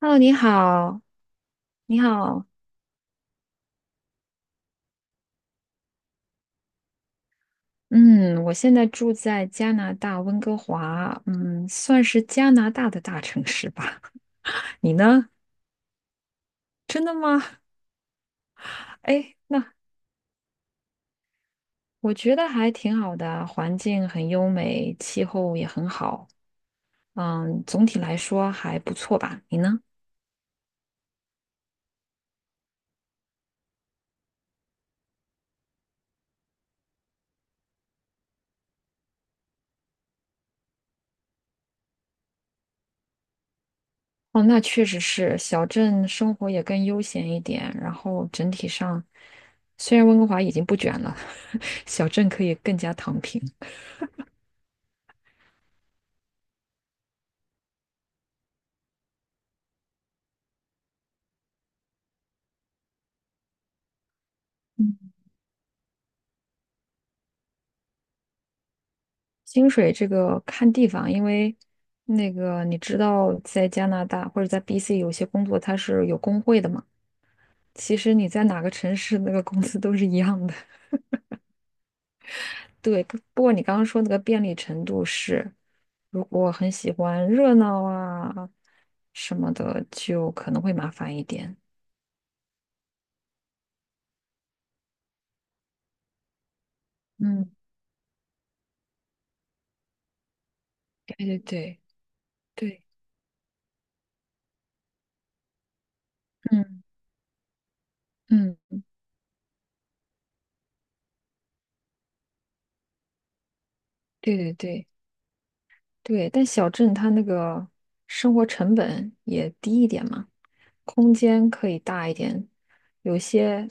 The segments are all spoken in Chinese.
Hello，你好，你好，嗯，我现在住在加拿大温哥华，算是加拿大的大城市吧。你呢？真的吗？哎，那我觉得还挺好的，环境很优美，气候也很好，总体来说还不错吧。你呢？哦，那确实是，小镇生活也更悠闲一点，然后整体上，虽然温哥华已经不卷了，小镇可以更加躺平。薪水这个看地方，因为那个你知道，在加拿大或者在 BC 有些工作它是有工会的嘛。其实你在哪个城市，那个工资都是一样的。对，不过你刚刚说那个便利程度是，如果很喜欢热闹啊什么的，就可能会麻烦一点。嗯，对对对对，嗯嗯，对对对。对，但小镇它那个生活成本也低一点嘛，空间可以大一点。有些，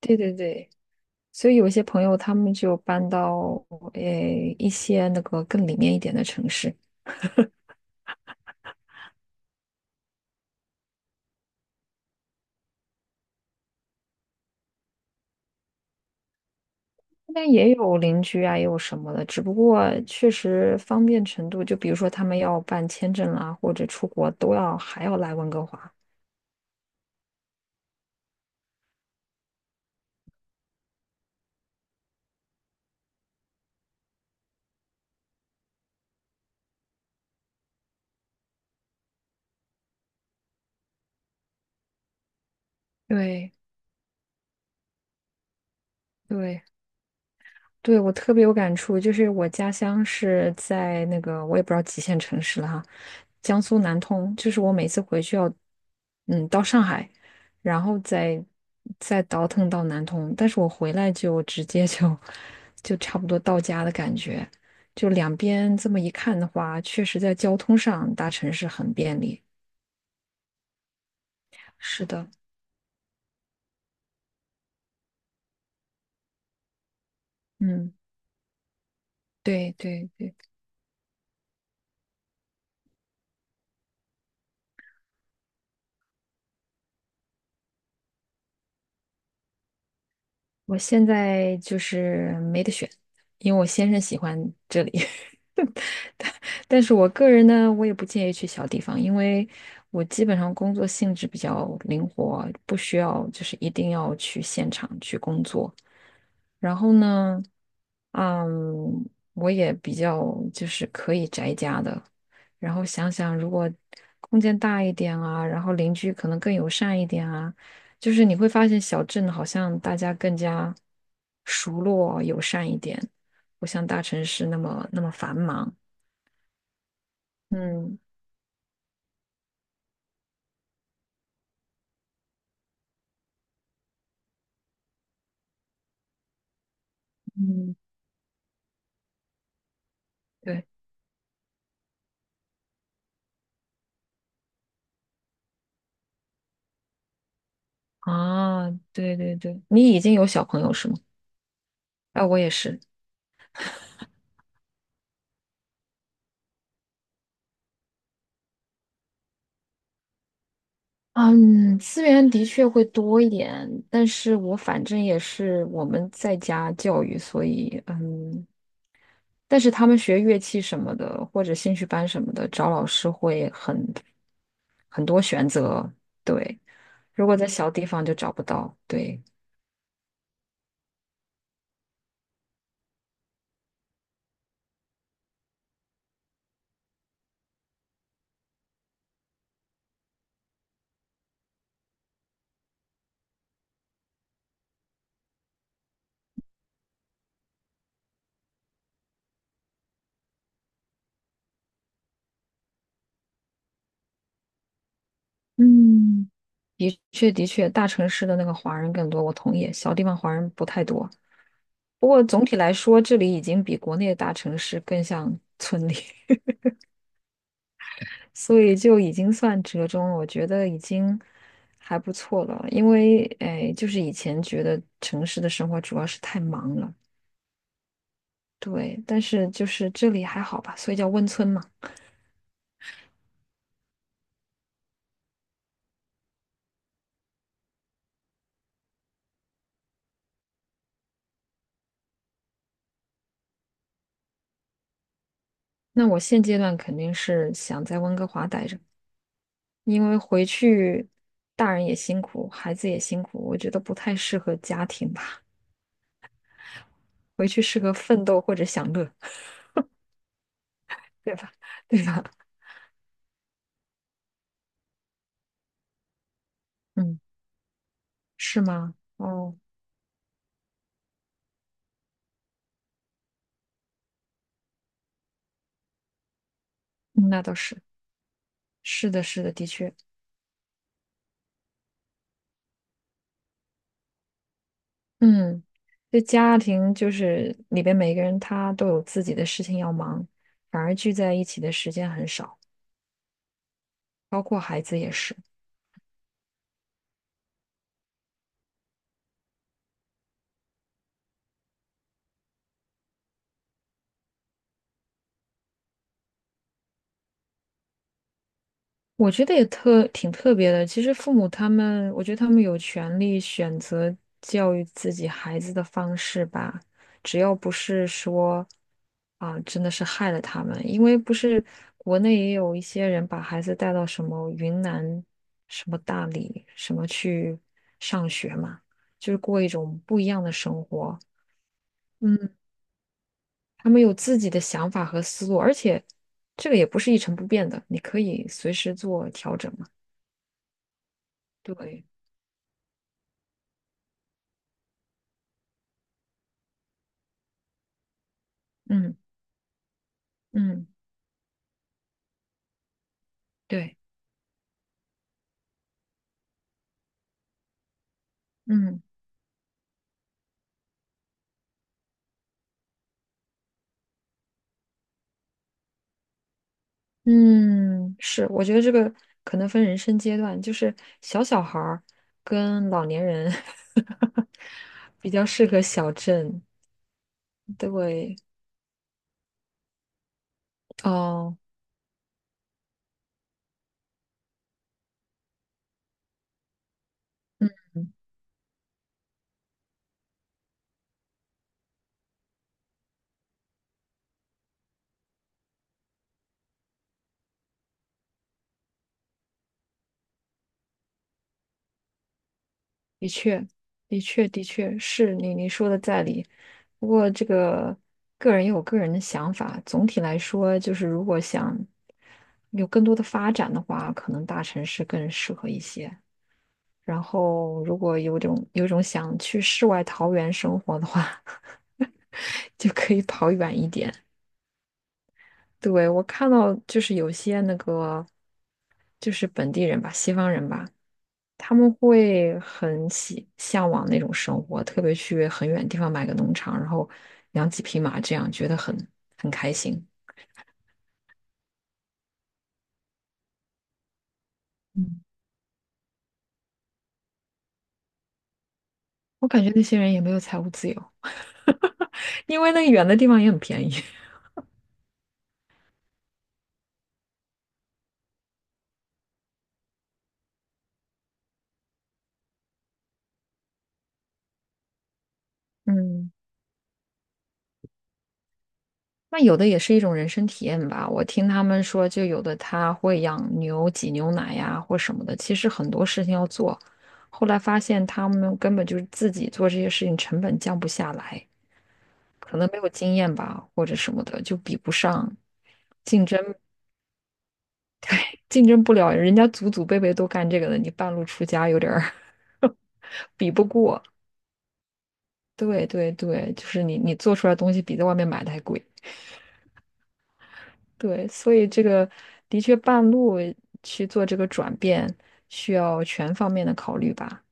对对对，所以有些朋友他们就搬到诶一些那个更里面一点的城市，那边也有邻居啊，也有什么的，只不过确实方便程度，就比如说他们要办签证啦，或者出国都要还要来温哥华。对对。对，我特别有感触，就是我家乡是在那个我也不知道几线城市了哈，江苏南通，就是我每次回去要，嗯，到上海，然后再倒腾到南通，但是我回来就直接就 就差不多到家的感觉，就两边这么一看的话，确实在交通上大城市很便利。是的，嗯，对对对，我现在就是没得选，因为我先生喜欢这里。但是我个人呢，我也不建议去小地方，因为我基本上工作性质比较灵活，不需要就是一定要去现场去工作。然后呢，嗯，我也比较就是可以宅家的。然后想想，如果空间大一点啊，然后邻居可能更友善一点啊，就是你会发现小镇好像大家更加熟络友善一点，不像大城市那么繁忙。嗯。嗯。对啊，对对对，你已经有小朋友是吗？哎，我也是。嗯，资源的确会多一点，但是我反正也是我们在家教育，所以但是他们学乐器什么的，或者兴趣班什么的，找老师会很多选择。对，如果在小地方就找不到。对，嗯，的确的确，大城市的那个华人更多，我同意，小地方华人不太多。不过总体来说，这里已经比国内的大城市更像村里，所以就已经算折中了。我觉得已经还不错了，因为哎，就是以前觉得城市的生活主要是太忙了，对。但是就是这里还好吧，所以叫温村嘛。那我现阶段肯定是想在温哥华待着，因为回去大人也辛苦，孩子也辛苦，我觉得不太适合家庭吧，回去适合奋斗或者享乐，对吧？对吧？嗯。是吗？哦，嗯那倒是，是的，是的，的确，嗯，这家庭就是里边每个人他都有自己的事情要忙，反而聚在一起的时间很少，包括孩子也是。我觉得也特挺特别的。其实父母他们，我觉得他们有权利选择教育自己孩子的方式吧，只要不是说啊，真的是害了他们。因为不是国内也有一些人把孩子带到什么云南、什么大理、什么去上学嘛，就是过一种不一样的生活。嗯，他们有自己的想法和思路，而且这个也不是一成不变的，你可以随时做调整嘛。对。嗯嗯，对，嗯嗯，是，我觉得这个可能分人生阶段，就是小小孩儿跟老年人 比较适合小镇。对，哦，嗯，的确，的确，的确是你说的在理。不过这个个人也有个人的想法，总体来说，就是如果想有更多的发展的话，可能大城市更适合一些。然后如果有种想去世外桃源生活的话，就可以跑远一点。对，我看到就是有些那个就是本地人吧，西方人吧，他们会很喜向往那种生活，特别去很远地方买个农场，然后养几匹马，这样觉得很开心。嗯，我感觉那些人也没有财务自由，因为那个远的地方也很便宜。嗯。那有的也是一种人生体验吧。我听他们说，就有的他会养牛挤牛奶呀，或什么的。其实很多事情要做，后来发现他们根本就是自己做这些事情，成本降不下来，可能没有经验吧，或者什么的，就比不上，竞争竞争不了。人家祖祖辈辈都干这个的，你半路出家有点儿 比不过。对对对，就是你做出来的东西比在外面买的还贵。对，所以这个的确半路去做这个转变，需要全方面的考虑吧。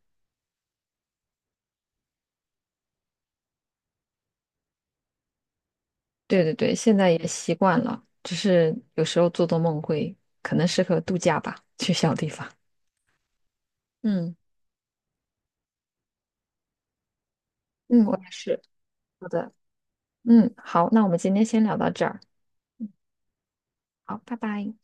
对对对，现在也习惯了，只是有时候做做梦会，可能适合度假吧，去小地方。嗯嗯，我也是。好的，嗯，好，那我们今天先聊到这儿，好，拜拜。